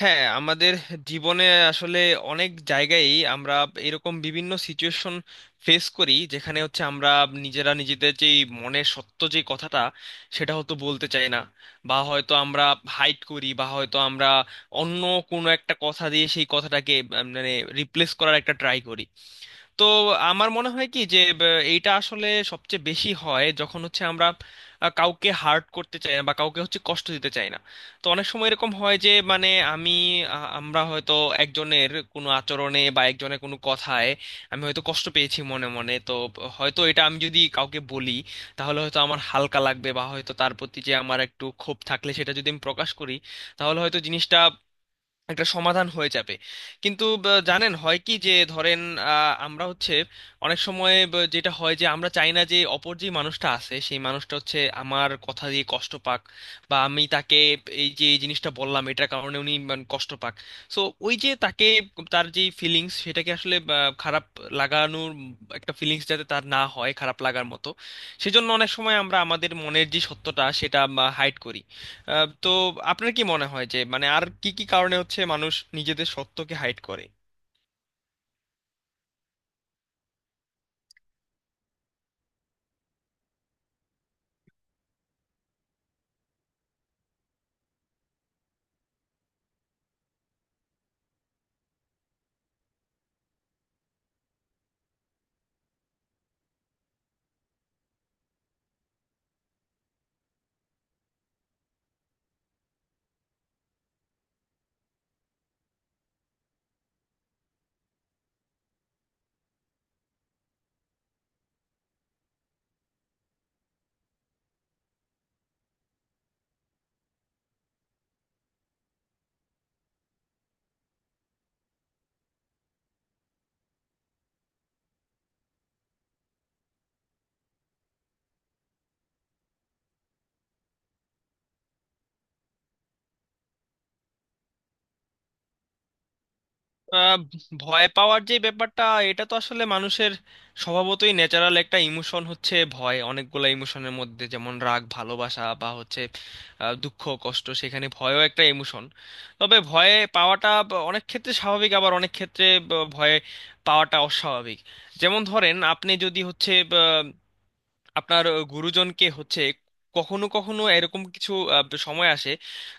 হ্যাঁ, আমাদের জীবনে আসলে অনেক জায়গায়ই আমরা এরকম বিভিন্ন সিচুয়েশন ফেস করি, যেখানে হচ্ছে আমরা নিজেরা নিজেদের যেই মনের সত্য যে কথাটা সেটা হয়তো বলতে চাই না, বা হয়তো আমরা হাইড করি, বা হয়তো আমরা অন্য কোনো একটা কথা দিয়ে সেই কথাটাকে মানে রিপ্লেস করার একটা ট্রাই করি। তো আমার মনে হয় কি যে এইটা আসলে সবচেয়ে বেশি হয় যখন হচ্ছে আমরা কাউকে হার্ট করতে চাই না বা কাউকে হচ্ছে কষ্ট দিতে চাই না। তো অনেক সময় এরকম হয় যে মানে আমি আমরা হয়তো একজনের কোনো আচরণে বা একজনের কোনো কথায় আমি হয়তো কষ্ট পেয়েছি মনে মনে। তো হয়তো এটা আমি যদি কাউকে বলি তাহলে হয়তো আমার হালকা লাগবে, বা হয়তো তার প্রতি যে আমার একটু ক্ষোভ থাকলে সেটা যদি আমি প্রকাশ করি তাহলে হয়তো জিনিসটা একটা সমাধান হয়ে যাবে। কিন্তু জানেন হয় কি যে ধরেন আমরা হচ্ছে অনেক সময় যেটা হয় যে আমরা চাই না যে অপর যে মানুষটা আছে সেই মানুষটা হচ্ছে আমার কথা দিয়ে কষ্ট পাক, বা আমি তাকে এই যে এই জিনিসটা বললাম এটার কারণে উনি মানে কষ্ট পাক। সো ওই যে তাকে তার যে ফিলিংস সেটাকে আসলে খারাপ লাগানোর একটা ফিলিংস, যাতে তার না হয় খারাপ লাগার মতো, সেজন্য অনেক সময় আমরা আমাদের মনের যে সত্যটা সেটা হাইড করি। তো আপনার কি মনে হয় যে মানে আর কি কি কারণে হচ্ছে মানুষ নিজেদের সত্যকে হাইড করে? আহ, ভয় পাওয়ার যে ব্যাপারটা, এটা তো আসলে মানুষের স্বভাবতই ন্যাচারাল একটা ইমোশন। হচ্ছে ভয় অনেকগুলো ইমোশনের মধ্যে, যেমন রাগ, ভালোবাসা, বা হচ্ছে দুঃখ, কষ্ট, সেখানে ভয়ও একটা ইমোশন। তবে ভয়ে পাওয়াটা অনেক ক্ষেত্রে স্বাভাবিক, আবার অনেক ক্ষেত্রে ভয়ে পাওয়াটা অস্বাভাবিক। যেমন ধরেন আপনি যদি হচ্ছে আপনার গুরুজনকে হচ্ছে কখনো কখনো এরকম কিছু সময় আসে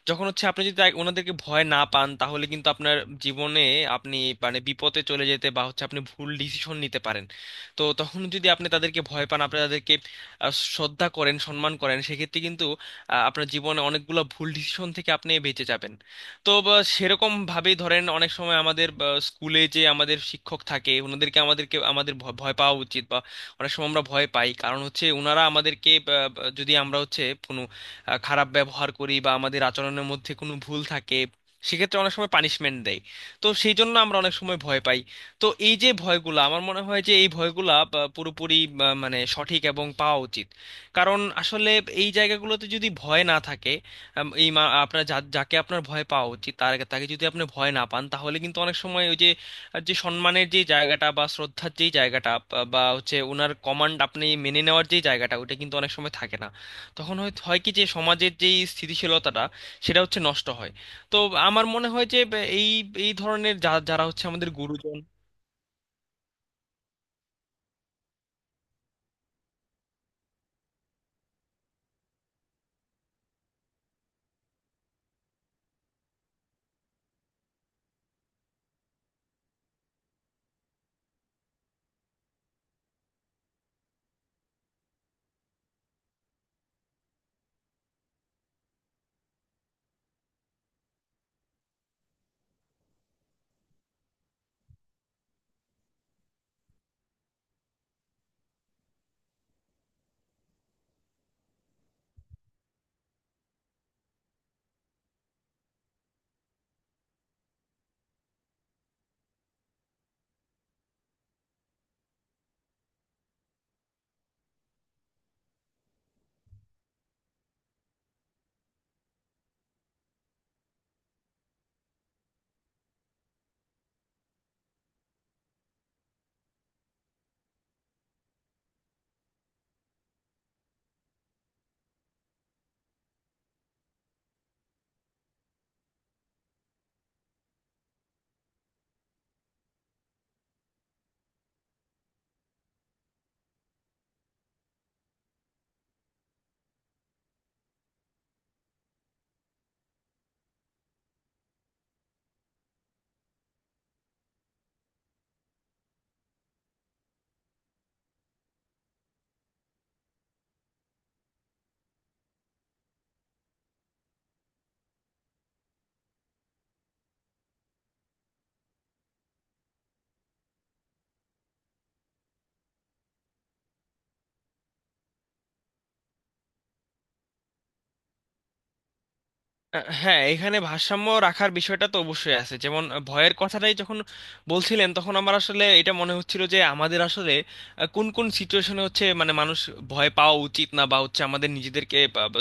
যখন হচ্ছে আপনি যদি ওনাদেরকে ভয় না পান, তাহলে কিন্তু আপনার জীবনে আপনি মানে বিপদে চলে যেতে, বা হচ্ছে আপনি ভুল ডিসিশন নিতে পারেন। তো তখন যদি আপনি তাদেরকে ভয় পান, আপনি তাদেরকে শ্রদ্ধা করেন, সম্মান করেন, সেক্ষেত্রে কিন্তু আপনার জীবনে অনেকগুলো ভুল ডিসিশন থেকে আপনি বেঁচে যাবেন। তো সেরকম ভাবেই ধরেন, অনেক সময় আমাদের স্কুলে যে আমাদের শিক্ষক থাকে, ওনাদেরকে আমাদেরকে আমাদের ভয় পাওয়া উচিত। অনেক সময় আমরা ভয় পাই, কারণ হচ্ছে ওনারা আমাদেরকে আহ, যদি আমরা হচ্ছে কোনো খারাপ ব্যবহার করি বা আমাদের আচরণের মধ্যে কোনো ভুল থাকে, সেক্ষেত্রে অনেক সময় পানিশমেন্ট দেয়। তো সেই জন্য আমরা অনেক সময় ভয় পাই। তো এই যে ভয়গুলা, আমার মনে হয় যে এই ভয়গুলা পুরোপুরি মানে সঠিক এবং পাওয়া উচিত। কারণ আসলে এই জায়গাগুলোতে যদি ভয় না থাকে, আপনার যাকে আপনার ভয় পাওয়া উচিত তার তাকে যদি আপনি ভয় না পান, তাহলে কিন্তু অনেক সময় ওই যে আর যে সম্মানের যে জায়গাটা বা শ্রদ্ধার যে জায়গাটা বা বা হচ্ছে ওনার কমান্ড আপনি মেনে নেওয়ার যে জায়গাটা, ওটা কিন্তু অনেক সময় থাকে না। তখন হয় হয় কি যে সমাজের যে স্থিতিশীলতাটা সেটা হচ্ছে নষ্ট হয়। তো আমার মনে হয় যে এই এই ধরনের যারা হচ্ছে আমাদের গুরুজন। হ্যাঁ, এখানে ভারসাম্য রাখার বিষয়টা তো অবশ্যই আছে। যেমন ভয়ের কথাটাই যখন বলছিলেন, তখন আমার আসলে এটা মনে হচ্ছিল যে আমাদের আসলে কোন কোন সিচুয়েশনে হচ্ছে মানে মানুষ ভয় পাওয়া উচিত না, বা হচ্ছে আমাদের নিজেদেরকে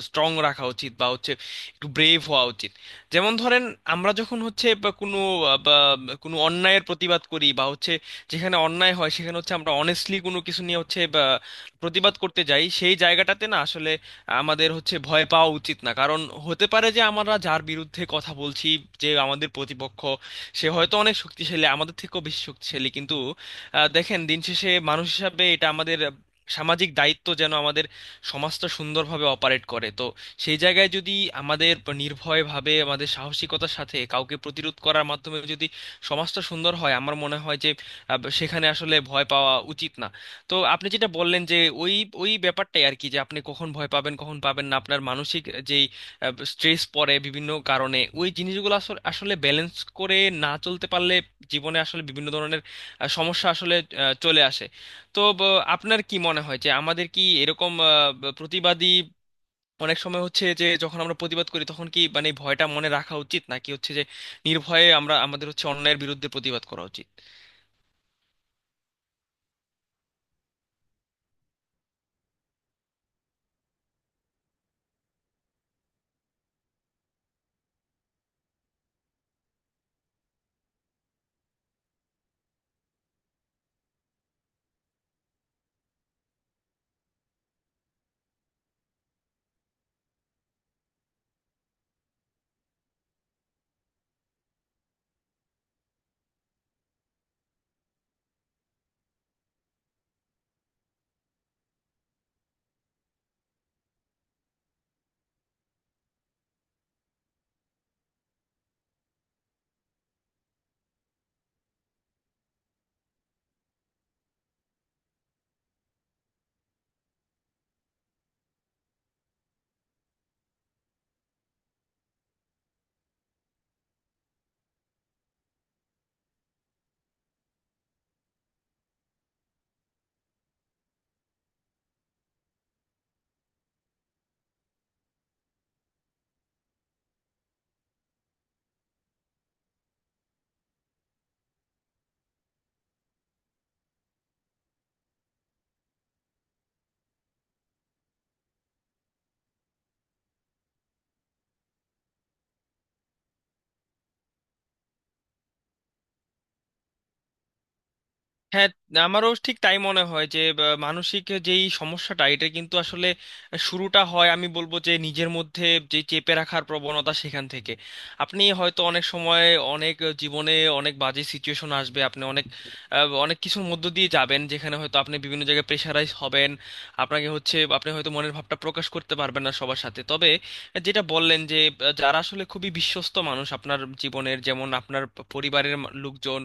স্ট্রং রাখা উচিত, বা হচ্ছে একটু ব্রেভ হওয়া উচিত। যেমন ধরেন আমরা যখন হচ্ছে বা কোনো আহ, বা কোনো অন্যায়ের প্রতিবাদ করি বা হচ্ছে যেখানে অন্যায় হয়, সেখানে হচ্ছে আমরা অনেস্টলি কোনো কিছু নিয়ে হচ্ছে বা প্রতিবাদ করতে যাই, সেই জায়গাটাতে না আসলে আমাদের হচ্ছে ভয় পাওয়া উচিত না। কারণ হতে পারে যে আমরা যার বিরুদ্ধে কথা বলছি, যে আমাদের প্রতিপক্ষ, সে হয়তো অনেক শক্তিশালী, আমাদের থেকেও বেশি শক্তিশালী, কিন্তু দেখেন, দিন শেষে মানুষ হিসাবে এটা আমাদের সামাজিক দায়িত্ব যেন আমাদের সমাজটা সুন্দরভাবে অপারেট করে। তো সেই জায়গায় যদি আমাদের নির্ভয়ভাবে, আমাদের সাহসিকতার সাথে কাউকে প্রতিরোধ করার মাধ্যমে যদি সমাজটা সুন্দর হয়, আমার মনে হয় যে সেখানে আসলে ভয় পাওয়া উচিত না। তো আপনি যেটা বললেন যে ওই ওই ব্যাপারটাই আর কি, যে আপনি কখন ভয় পাবেন কখন পাবেন না, আপনার মানসিক যেই স্ট্রেস পড়ে বিভিন্ন কারণে, ওই জিনিসগুলো আসলে আসলে ব্যালেন্স করে না চলতে পারলে জীবনে আসলে বিভিন্ন ধরনের সমস্যা আসলে চলে আসে। তো আপনার কি মনে হয় যে আমাদের কি এরকম প্রতিবাদী, অনেক সময় হচ্ছে যে যখন আমরা প্রতিবাদ করি তখন কি মানে ভয়টা মনে রাখা উচিত, নাকি হচ্ছে যে নির্ভয়ে আমরা আমাদের হচ্ছে অন্যায়ের বিরুদ্ধে প্রতিবাদ করা উচিত? হ্যাঁ, আমারও ঠিক তাই মনে হয় যে মানসিক যেই সমস্যাটা, এটা কিন্তু আসলে শুরুটা হয়, আমি বলবো, যে নিজের মধ্যে যে চেপে রাখার প্রবণতা সেখান থেকে। আপনি হয়তো অনেক সময় অনেক জীবনে অনেক বাজে সিচুয়েশন আসবে, আপনি অনেক অনেক কিছুর মধ্য দিয়ে যাবেন যেখানে হয়তো আপনি বিভিন্ন জায়গায় প্রেশারাইজ হবেন, আপনাকে হচ্ছে আপনি হয়তো মনের ভাবটা প্রকাশ করতে পারবেন না সবার সাথে। তবে যেটা বললেন যে যারা আসলে খুবই বিশ্বস্ত মানুষ আপনার জীবনের, যেমন আপনার পরিবারের লোকজন,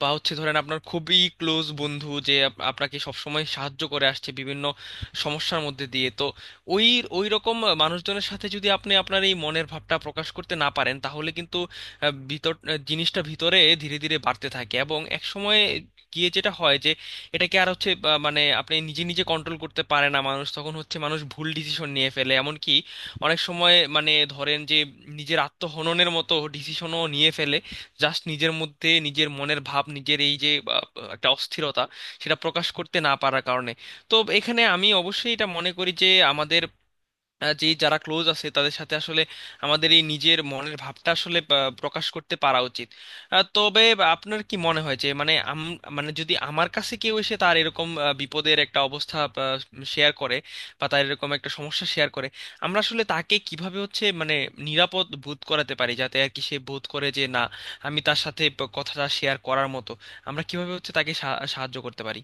বা হচ্ছে ধরেন আপনার খুবই ক্লোজ বন্ধু যে আপনাকে সবসময় সাহায্য করে আসছে বিভিন্ন সমস্যার মধ্যে দিয়ে, তো ওই ওই রকম মানুষজনের সাথে যদি আপনি আপনার এই মনের ভাবটা প্রকাশ করতে না পারেন, তাহলে কিন্তু জিনিসটা ভিতরে ধীরে ধীরে বাড়তে থাকে এবং এক সময় গিয়ে যেটা হয় যে এটাকে আর হচ্ছে মানে আপনি নিজে নিজে কন্ট্রোল করতে পারে না মানুষ, তখন হচ্ছে মানুষ ভুল ডিসিশন নিয়ে ফেলে, এমনকি অনেক সময় মানে ধরেন যে নিজের আত্মহননের মতো ডিসিশনও নিয়ে ফেলে, জাস্ট নিজের মধ্যে নিজের মনের ভাব, নিজের এই যে আহ, একটা অস্থিরতা সেটা প্রকাশ করতে না পারার কারণে। তো এখানে আমি অবশ্যই এটা মনে করি যে আমাদের যে যারা ক্লোজ আছে তাদের সাথে আসলে আমাদের এই নিজের মনের ভাবটা আসলে প্রকাশ করতে পারা উচিত। তবে আপনার কি মনে হয় যে মানে মানে যদি আমার কাছে কেউ এসে তার এরকম বিপদের একটা অবস্থা শেয়ার করে, বা তার এরকম একটা সমস্যা শেয়ার করে, আমরা আসলে তাকে কিভাবে হচ্ছে মানে নিরাপদ বোধ করাতে পারি, যাতে আর কি সে বোধ করে যে না, আমি তার সাথে কথাটা শেয়ার করার মতো? আমরা কিভাবে হচ্ছে তাকে সাহায্য করতে পারি?